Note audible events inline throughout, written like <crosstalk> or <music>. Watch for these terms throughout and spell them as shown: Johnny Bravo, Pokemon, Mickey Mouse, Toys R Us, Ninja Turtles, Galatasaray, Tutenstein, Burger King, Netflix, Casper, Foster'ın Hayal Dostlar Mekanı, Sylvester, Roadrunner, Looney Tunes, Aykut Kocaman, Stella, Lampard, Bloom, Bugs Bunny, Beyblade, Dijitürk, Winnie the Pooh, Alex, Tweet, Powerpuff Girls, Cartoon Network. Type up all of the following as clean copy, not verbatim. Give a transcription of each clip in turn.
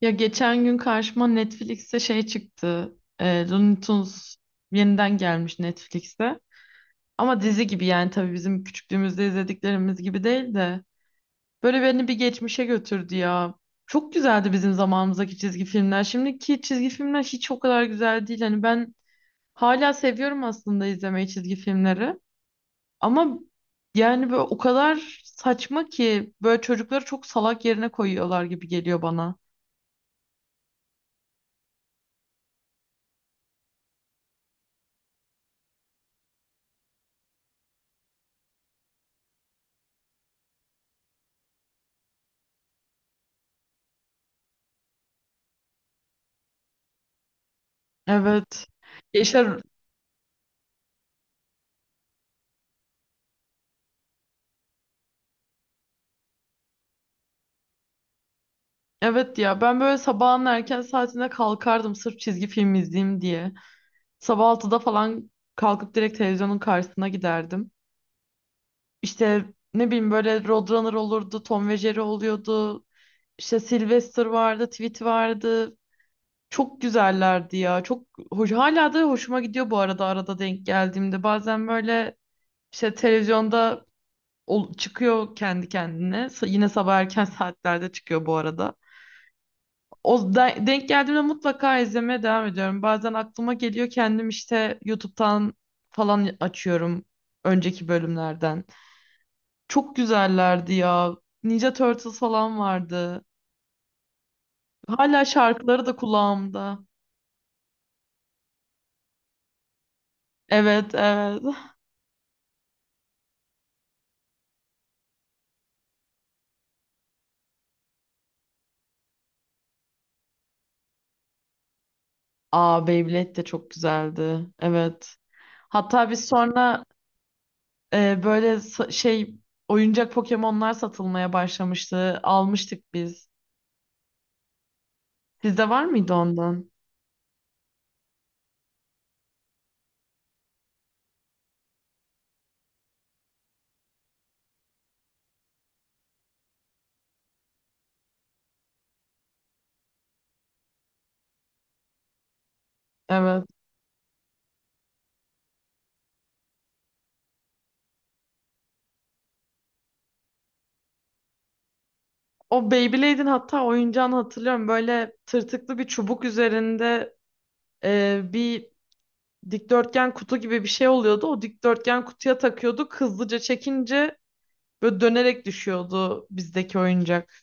Ya geçen gün karşıma Netflix'te şey çıktı. Looney Tunes yeniden gelmiş Netflix'te. Ama dizi gibi yani tabii bizim küçüklüğümüzde izlediklerimiz gibi değil de. Böyle beni bir geçmişe götürdü ya. Çok güzeldi bizim zamanımızdaki çizgi filmler. Şimdiki çizgi filmler hiç o kadar güzel değil. Hani ben hala seviyorum aslında izlemeyi çizgi filmleri. Ama yani böyle o kadar saçma ki böyle çocukları çok salak yerine koyuyorlar gibi geliyor bana. Evet. Yaşar. Evet ya ben böyle sabahın erken saatinde kalkardım sırf çizgi film izleyeyim diye. Sabah 6'da falan kalkıp direkt televizyonun karşısına giderdim. İşte ne bileyim böyle Roadrunner olurdu, Tom ve Jerry oluyordu. İşte Sylvester vardı, Tweet vardı. Çok güzellerdi ya. Çok hoş, hala da hoşuma gidiyor bu arada, arada denk geldiğimde. Bazen böyle işte televizyonda çıkıyor kendi kendine. Yine sabah erken <laughs> saatlerde çıkıyor bu arada. O denk geldiğimde mutlaka izlemeye devam ediyorum. Bazen aklıma geliyor, kendim işte YouTube'dan falan açıyorum önceki bölümlerden. Çok güzellerdi ya. Ninja Turtles falan vardı. Hala şarkıları da kulağımda. Evet, evet. Aa, Beyblade de çok güzeldi. Evet. Hatta biz sonra böyle şey oyuncak Pokemon'lar satılmaya başlamıştı. Almıştık biz. Sizde var mıydı ondan? Evet. O Beyblade'in hatta oyuncağını hatırlıyorum. Böyle tırtıklı bir çubuk üzerinde bir dikdörtgen kutu gibi bir şey oluyordu. O dikdörtgen kutuya takıyorduk. Hızlıca çekince böyle dönerek düşüyordu bizdeki oyuncak.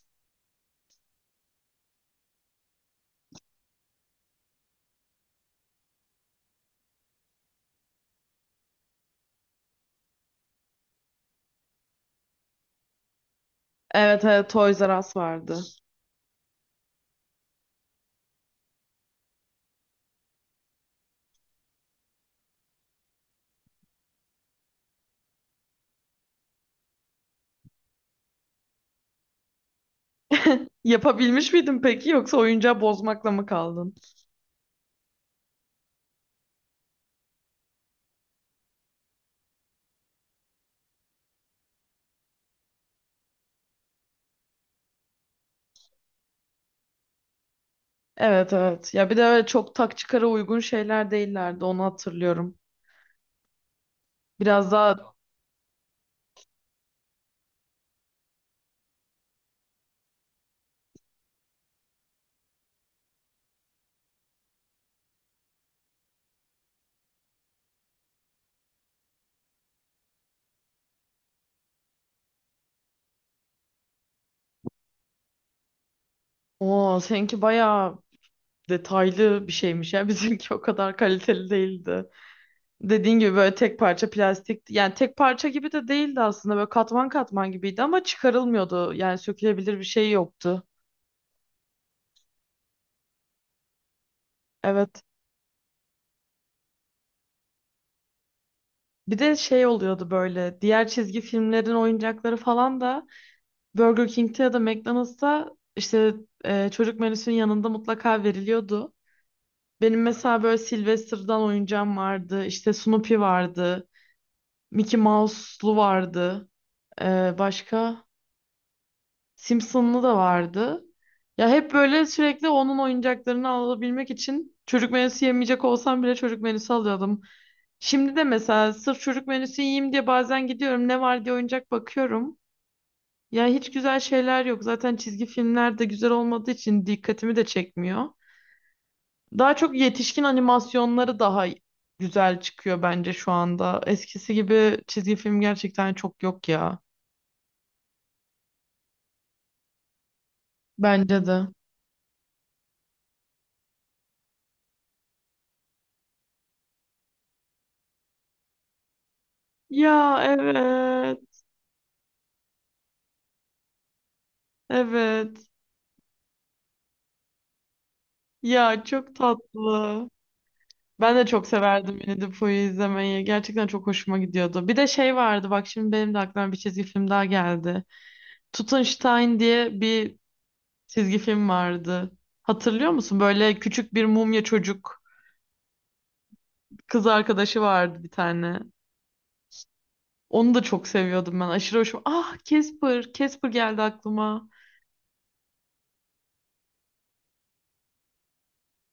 Evet evet, Toys R Us vardı. Yapabilmiş miydin peki, yoksa oyuncağı bozmakla mı kaldın? Evet evet. Ya bir de öyle çok tak çıkara uygun şeyler değillerdi, onu hatırlıyorum. Biraz daha o seninki bayağı detaylı bir şeymiş ya, <laughs> bizimki o kadar kaliteli değildi. Dediğin gibi böyle tek parça plastik, yani tek parça gibi de değildi aslında, böyle katman katman gibiydi ama çıkarılmıyordu, yani sökülebilir bir şey yoktu. Evet. Bir de şey oluyordu, böyle diğer çizgi filmlerin oyuncakları falan da Burger King'te ya da McDonald's'ta işte çocuk menüsünün yanında mutlaka veriliyordu. Benim mesela böyle Sylvester'dan oyuncağım vardı, işte Snoopy vardı, Mickey Mouse'lu vardı. Başka? Simpson'lu da vardı. Ya hep böyle sürekli onun oyuncaklarını alabilmek için çocuk menüsü yemeyecek olsam bile çocuk menüsü alıyordum. Şimdi de mesela sırf çocuk menüsü yiyeyim diye bazen gidiyorum, ne var diye oyuncak bakıyorum. Ya hiç güzel şeyler yok. Zaten çizgi filmler de güzel olmadığı için dikkatimi de çekmiyor. Daha çok yetişkin animasyonları daha güzel çıkıyor bence şu anda. Eskisi gibi çizgi film gerçekten çok yok ya. Bence de. Ya evet. Evet. Ya çok tatlı. Ben de çok severdim Winnie the Pooh'yu izlemeyi. Gerçekten çok hoşuma gidiyordu. Bir de şey vardı bak, şimdi benim de aklıma bir çizgi film daha geldi. Tutenstein diye bir çizgi film vardı. Hatırlıyor musun? Böyle küçük bir mumya çocuk, kız arkadaşı vardı bir tane. Onu da çok seviyordum ben. Aşırı hoşuma. Ah, Casper. Casper geldi aklıma.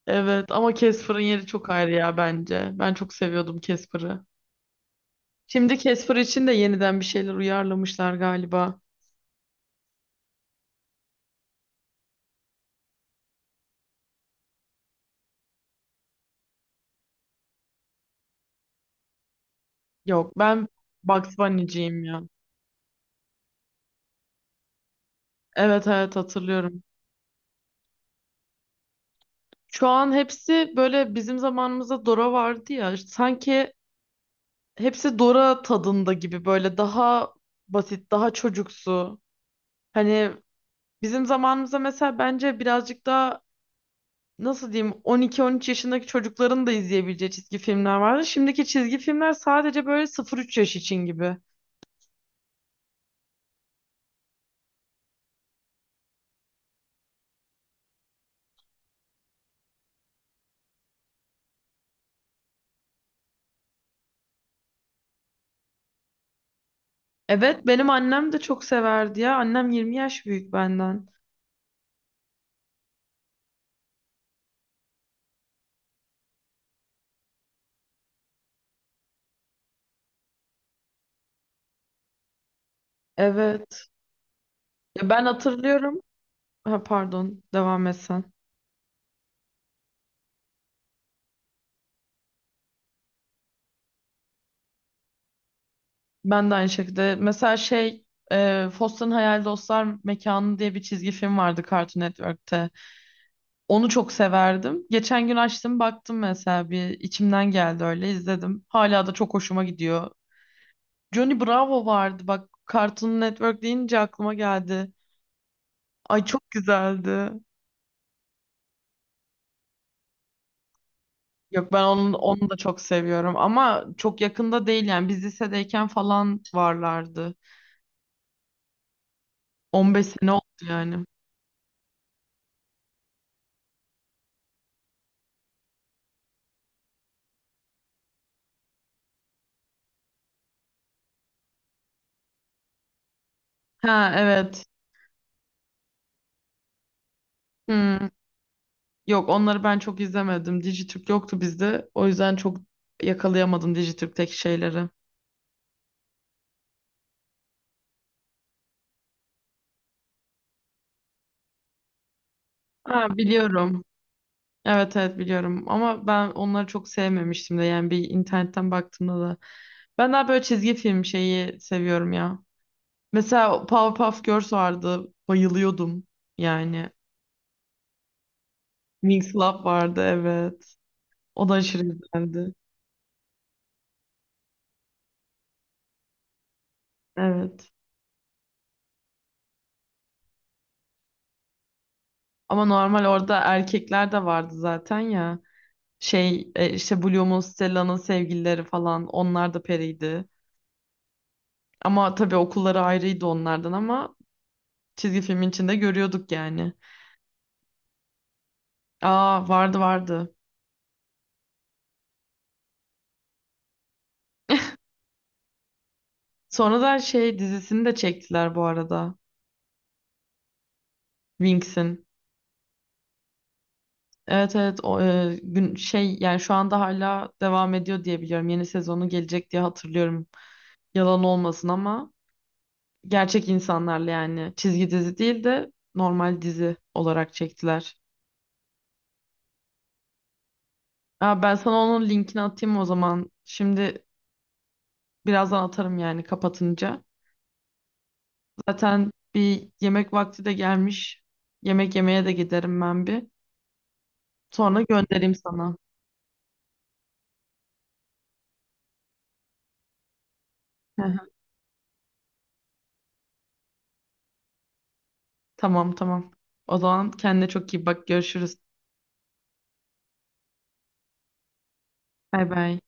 Evet ama Casper'ın yeri çok ayrı ya bence. Ben çok seviyordum Casper'ı. Şimdi Casper için de yeniden bir şeyler uyarlamışlar galiba. Yok, ben Bugs Bunny'ciyim ya. Evet evet, hatırlıyorum. Şu an hepsi böyle, bizim zamanımızda Dora vardı ya. İşte sanki hepsi Dora tadında gibi, böyle daha basit, daha çocuksu. Hani bizim zamanımızda mesela bence birazcık daha, nasıl diyeyim, 12-13 yaşındaki çocukların da izleyebileceği çizgi filmler vardı. Şimdiki çizgi filmler sadece böyle 0-3 yaş için gibi. Evet, benim annem de çok severdi ya. Annem 20 yaş büyük benden. Evet. Ya ben hatırlıyorum. Ha, pardon, devam et sen. Ben de aynı şekilde. Mesela şey, Foster'ın Hayal Dostlar Mekanı diye bir çizgi film vardı Cartoon Network'te. Onu çok severdim. Geçen gün açtım baktım mesela, bir içimden geldi öyle izledim. Hala da çok hoşuma gidiyor. Johnny Bravo vardı bak, Cartoon Network deyince aklıma geldi. Ay, çok güzeldi. Yok, ben onu da çok seviyorum, ama çok yakında değil yani, biz lisedeyken falan varlardı. 15 sene oldu yani. Ha evet. Hmm. Yok, onları ben çok izlemedim. Dijitürk yoktu bizde. O yüzden çok yakalayamadım Dijitürk'teki şeyleri. Ha, biliyorum. Evet evet, biliyorum. Ama ben onları çok sevmemiştim de. Yani bir internetten baktığımda da. Ben daha böyle çizgi film şeyi seviyorum ya. Mesela Powerpuff Girls vardı. Bayılıyordum. Yani. Winx Club vardı, evet. O da aşırı güzeldi. Evet. Ama normal orada erkekler de vardı zaten ya. Şey, işte Bloom'un, Stella'nın sevgilileri falan, onlar da periydi. Ama tabii okulları ayrıydı onlardan, ama çizgi filmin içinde görüyorduk yani. Aa, vardı vardı. Sonra da şey dizisini de çektiler bu arada. Winx'in. Evet evet, o gün şey yani şu anda hala devam ediyor diye biliyorum. Yeni sezonu gelecek diye hatırlıyorum. Yalan olmasın ama gerçek insanlarla, yani çizgi dizi değil de normal dizi olarak çektiler. Aa, ben sana onun linkini atayım o zaman. Şimdi birazdan atarım yani, kapatınca. Zaten bir yemek vakti de gelmiş. Yemek yemeye de giderim ben bir. Sonra göndereyim sana. Hı hı. Tamam tamam. O zaman kendine çok iyi bak. Görüşürüz. Bay bay.